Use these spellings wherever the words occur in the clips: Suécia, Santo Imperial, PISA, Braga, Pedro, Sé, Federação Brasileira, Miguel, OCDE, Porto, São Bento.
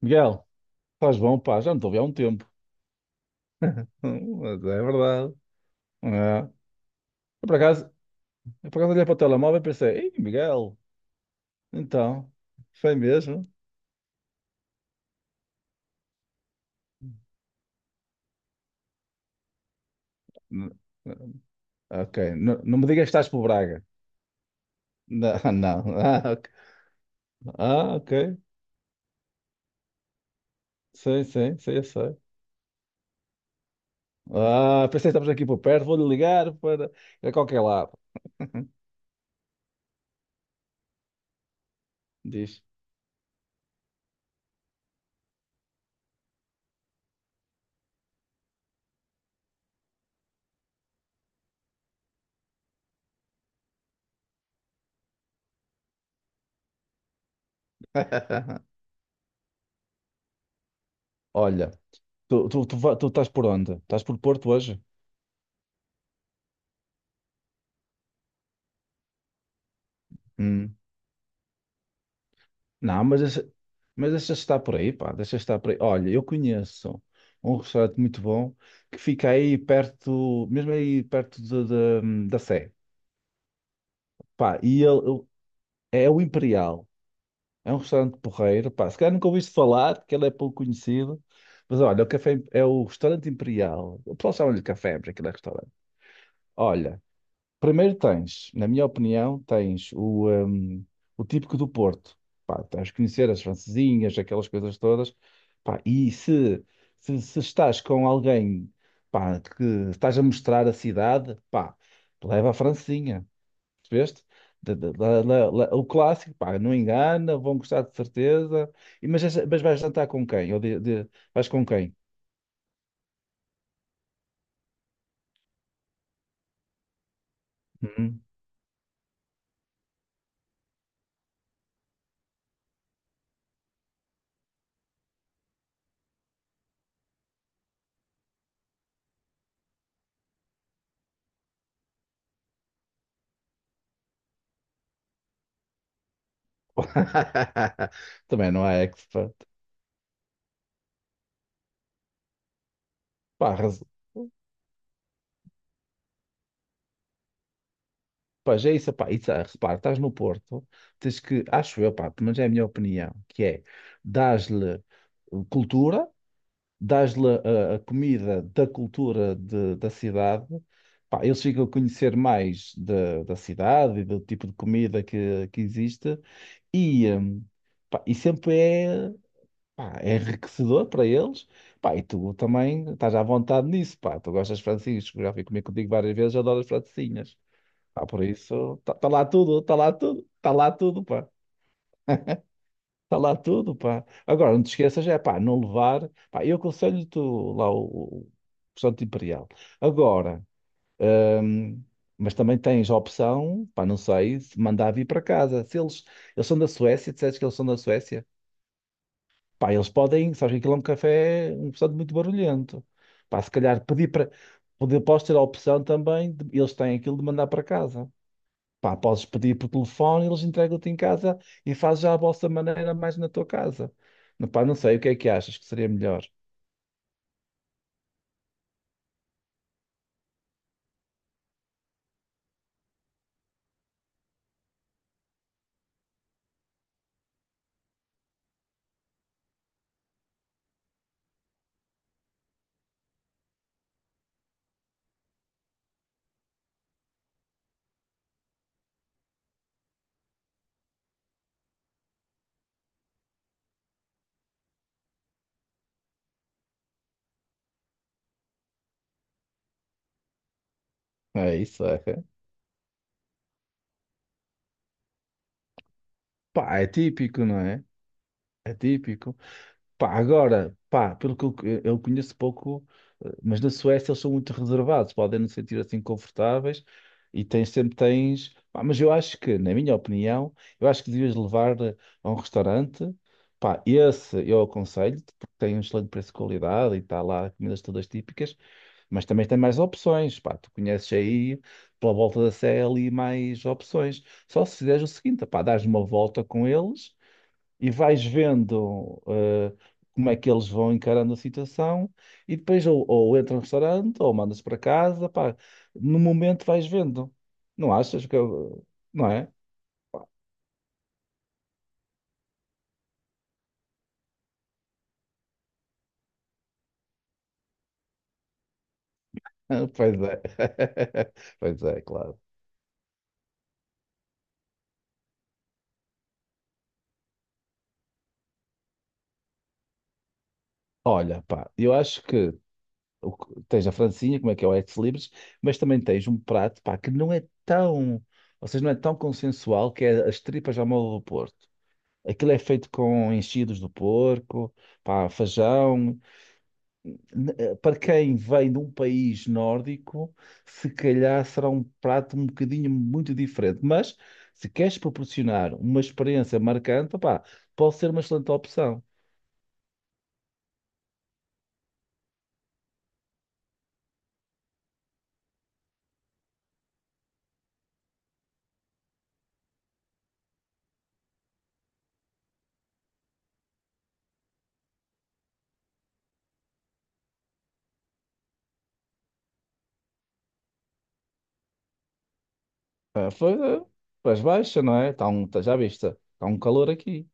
Miguel, estás bom, pá, já não te ouvi há um tempo. Mas é verdade. É. Eu, por acaso, eu, por acaso, olhei para o telemóvel e pensei, Ei, Miguel, então, foi mesmo? N- Ok, não me digas que estás por Braga. Não, não. Ah, ok. Ah, ok. Sim, sim, sim, eu sei. Ah, pensei que estamos aqui por perto, vou-lhe ligar para a qualquer lado. Diz. Olha, tu estás por onde? Estás por Porto hoje? Não, mas essa está por aí, pá, deixa estar por aí. Olha, eu conheço um restaurante muito bom que fica aí perto, mesmo aí perto da Sé. Pá, e é o Imperial. É um restaurante porreiro, pá. Se calhar nunca ouviste falar, que ele é pouco conhecido. Mas olha, o café é o restaurante Imperial. O pessoal chama-lhe café, porque aquilo é restaurante. Olha. Primeiro tens, na minha opinião, tens o típico do Porto. Pá, tens de conhecer as francesinhas, aquelas coisas todas. Pá, e se estás com alguém, pá, que estás a mostrar a cidade, pá, leva a francesinha. Percebeste? O clássico, pá, não engana, vão gostar de certeza. E, mas, mas vais jantar com quem? Ou vais com quem? Hum. Também não é expert. Pá, pois é isso, pá, isso, ah, repara, estás no Porto, tens que, acho eu, pá, pelo menos é a minha opinião, que é dás-lhe cultura, dás-lhe a comida da cultura da cidade, pá, eles ficam a conhecer mais da cidade e do tipo de comida que existe e, pá, e sempre é, pá, é enriquecedor para eles, pá, e tu também estás à vontade nisso, pá, tu gostas de francesinhas, já fui comer contigo várias vezes, adoro as francesinhas. Pá, por isso, está lá tudo, está lá tudo, está lá tudo, pá. Está lá tudo, pá. Agora, não te esqueças, é pá, não levar. Pá, eu aconselho-te lá o Santo Imperial. Agora, hum, mas também tens a opção, pá, não sei, se mandar vir para casa. Se eles são da Suécia, disseste que eles são da Suécia, pá, eles podem, sabes que aquilo é um café, um restaurante muito barulhento. Pá, se calhar pedir para, poder, podes ter a opção também, eles têm aquilo de mandar para casa. Pá, podes pedir por telefone, eles entregam-te em casa e fazes já a vossa maneira mais na tua casa. Não, pá, não sei, o que é que achas que seria melhor? É isso, é. Pá, é típico, não é? É típico. Pá, agora, pá, pelo que eu conheço pouco, mas na Suécia eles são muito reservados, podem não se sentir assim confortáveis e tens, sempre tens. Pá, mas eu acho que, na minha opinião, eu acho que devias levar a um restaurante. Pá, esse eu aconselho-te, porque tem um excelente preço-qualidade e qualidade e está lá comidas todas típicas. Mas também tem mais opções, pá. Tu conheces aí, pela volta da Sé, ali mais opções. Só se fizeres o seguinte, pá, dás uma volta com eles e vais vendo como é que eles vão encarando a situação e depois ou entra no restaurante ou mandas para casa, pá. No momento vais vendo. Não achas que eu... Não é? Pois é. Pois é, claro. Olha, pá, eu acho que tens a francinha, como é que é o ex libris, mas também tens um prato, pá, que não é tão, ou seja, não é tão consensual, que é as tripas à moda do Porto. Aquilo é feito com enchidos do porco, pá, feijão. Para quem vem de um país nórdico, se calhar será um prato um bocadinho muito diferente. Mas se queres proporcionar uma experiência marcante, pá, pode ser uma excelente opção. Ah, foi, pois baixa, não é? Já viste, está um calor aqui.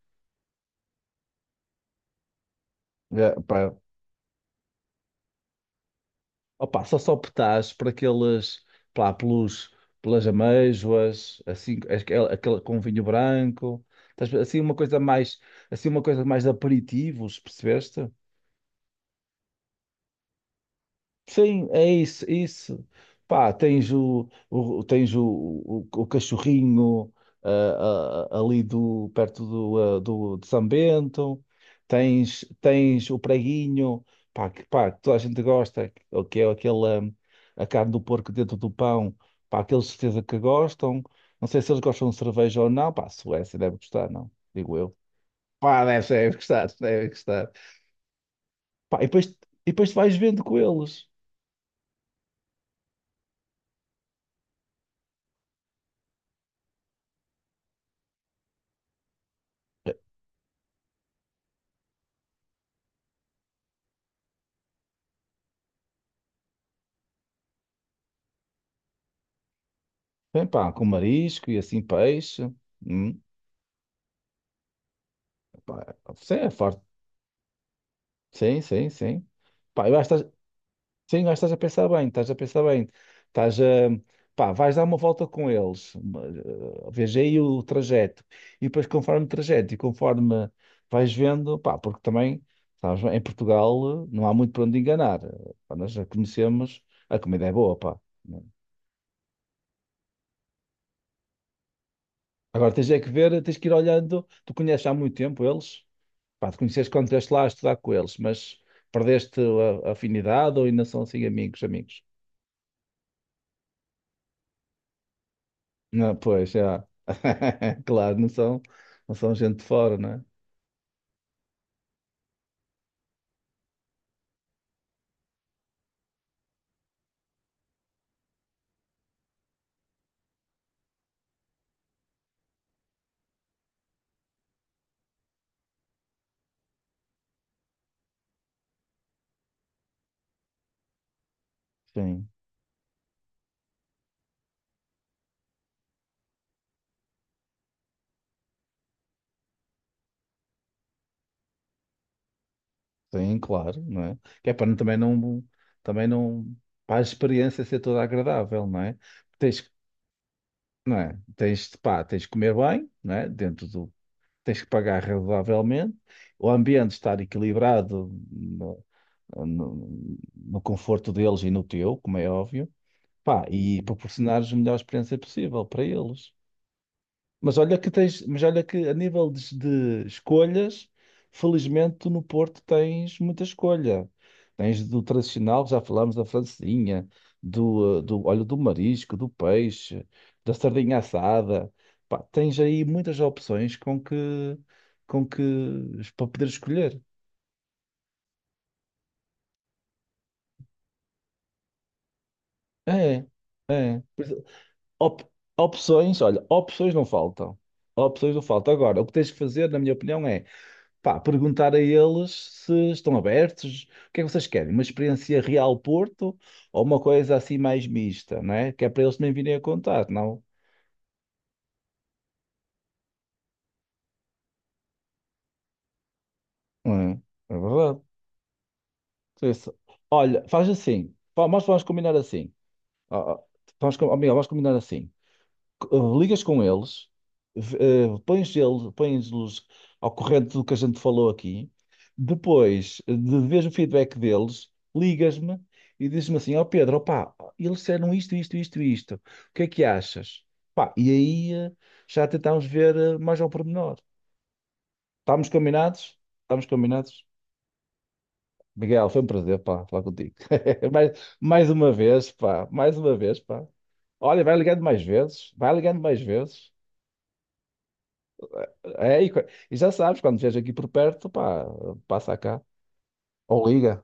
Opa, só optás por aqueles, pá, pelas amêijoas, assim, aquele com vinho branco, Estás a ver? Assim uma coisa mais de aperitivos, percebeste? Sim, é isso, isso. Pá, tens o cachorrinho, perto de São Bento, tens o preguinho, pá, que toda a gente gosta, que é aquela, a carne do porco dentro do pão, pá, aqueles certeza que gostam. Não sei se eles gostam de cerveja ou não, pá, a Suécia deve gostar, não, digo eu. Pá, deve, deve gostar, deve gostar. Pá, e depois tu vais vendo com eles. Bem, pá, com marisco e assim peixe. Hum, pá, sim, é forte. Sim, sim, sim. Pá, eu acho que estás, sim, eu acho que estás a pensar bem, estás a pensar bem. Estás a, pá, vais dar uma volta com eles. Vês aí o trajeto. E depois, conforme o trajeto e conforme vais vendo, pá, porque também, sabes, bem, em Portugal não há muito para onde enganar. Pá, nós já conhecemos, a comida é boa, pá. Agora tens é que ver, tens que ir olhando. Tu conheces há muito tempo eles? Pá, te conheces quando estiveste lá a estudar com eles, mas perdeste a afinidade ou ainda são assim amigos, amigos? Não, pois, já. Claro, não são gente de fora, não é? Sim, sim, claro, não é? Que é para também não, para a experiência ser toda agradável, não é? Tens, que- não é? Pá, tens de comer bem, não é? Tens que pagar razoavelmente, o ambiente estar equilibrado no, no conforto deles e no teu, como é óbvio. Pá, e proporcionares a melhor experiência possível para eles. mas olha que a nível de escolhas, felizmente tu no Porto tens muita escolha. Tens do tradicional, já falámos da francesinha, do olho do marisco, do peixe, da sardinha assada. Pá, tens aí muitas opções com que para poder escolher. É, é. Op- opções, olha, opções não faltam. Opções não faltam. Agora, o que tens que fazer, na minha opinião, é pá, perguntar a eles se estão abertos, o que é que vocês querem? Uma experiência real Porto ou uma coisa assim mais mista, não é? Que é para eles também virem a contar, não? É, é verdade. Isso. Olha, faz assim, pá, nós vamos combinar assim. Ó, Ó, Miguel, vamos combinar assim. Ligas com eles, v- pões-los ao corrente do que a gente falou aqui. Depois de veres o feedback deles, ligas-me e dizes-me assim: Ó Pedro, opá, eles disseram isto, isto, isto, isto. O que é que achas? Pá, e aí já tentámos ver mais ao pormenor. Estamos combinados? Estamos combinados? Miguel, foi um prazer, pá, falar contigo. Mais uma vez, pá, mais uma vez, pá. Olha, vai ligando mais vezes, vai ligando mais vezes. É, e, e já sabes, quando vier aqui por perto, pá, passa cá. Ou liga.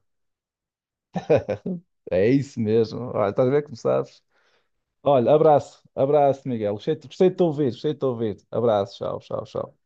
É isso mesmo. Olha, estás a ver como sabes? Olha, abraço, abraço, Miguel. Gostei, gostei de te ouvir, gostei de te ouvir. Abraço, tchau, tchau, tchau.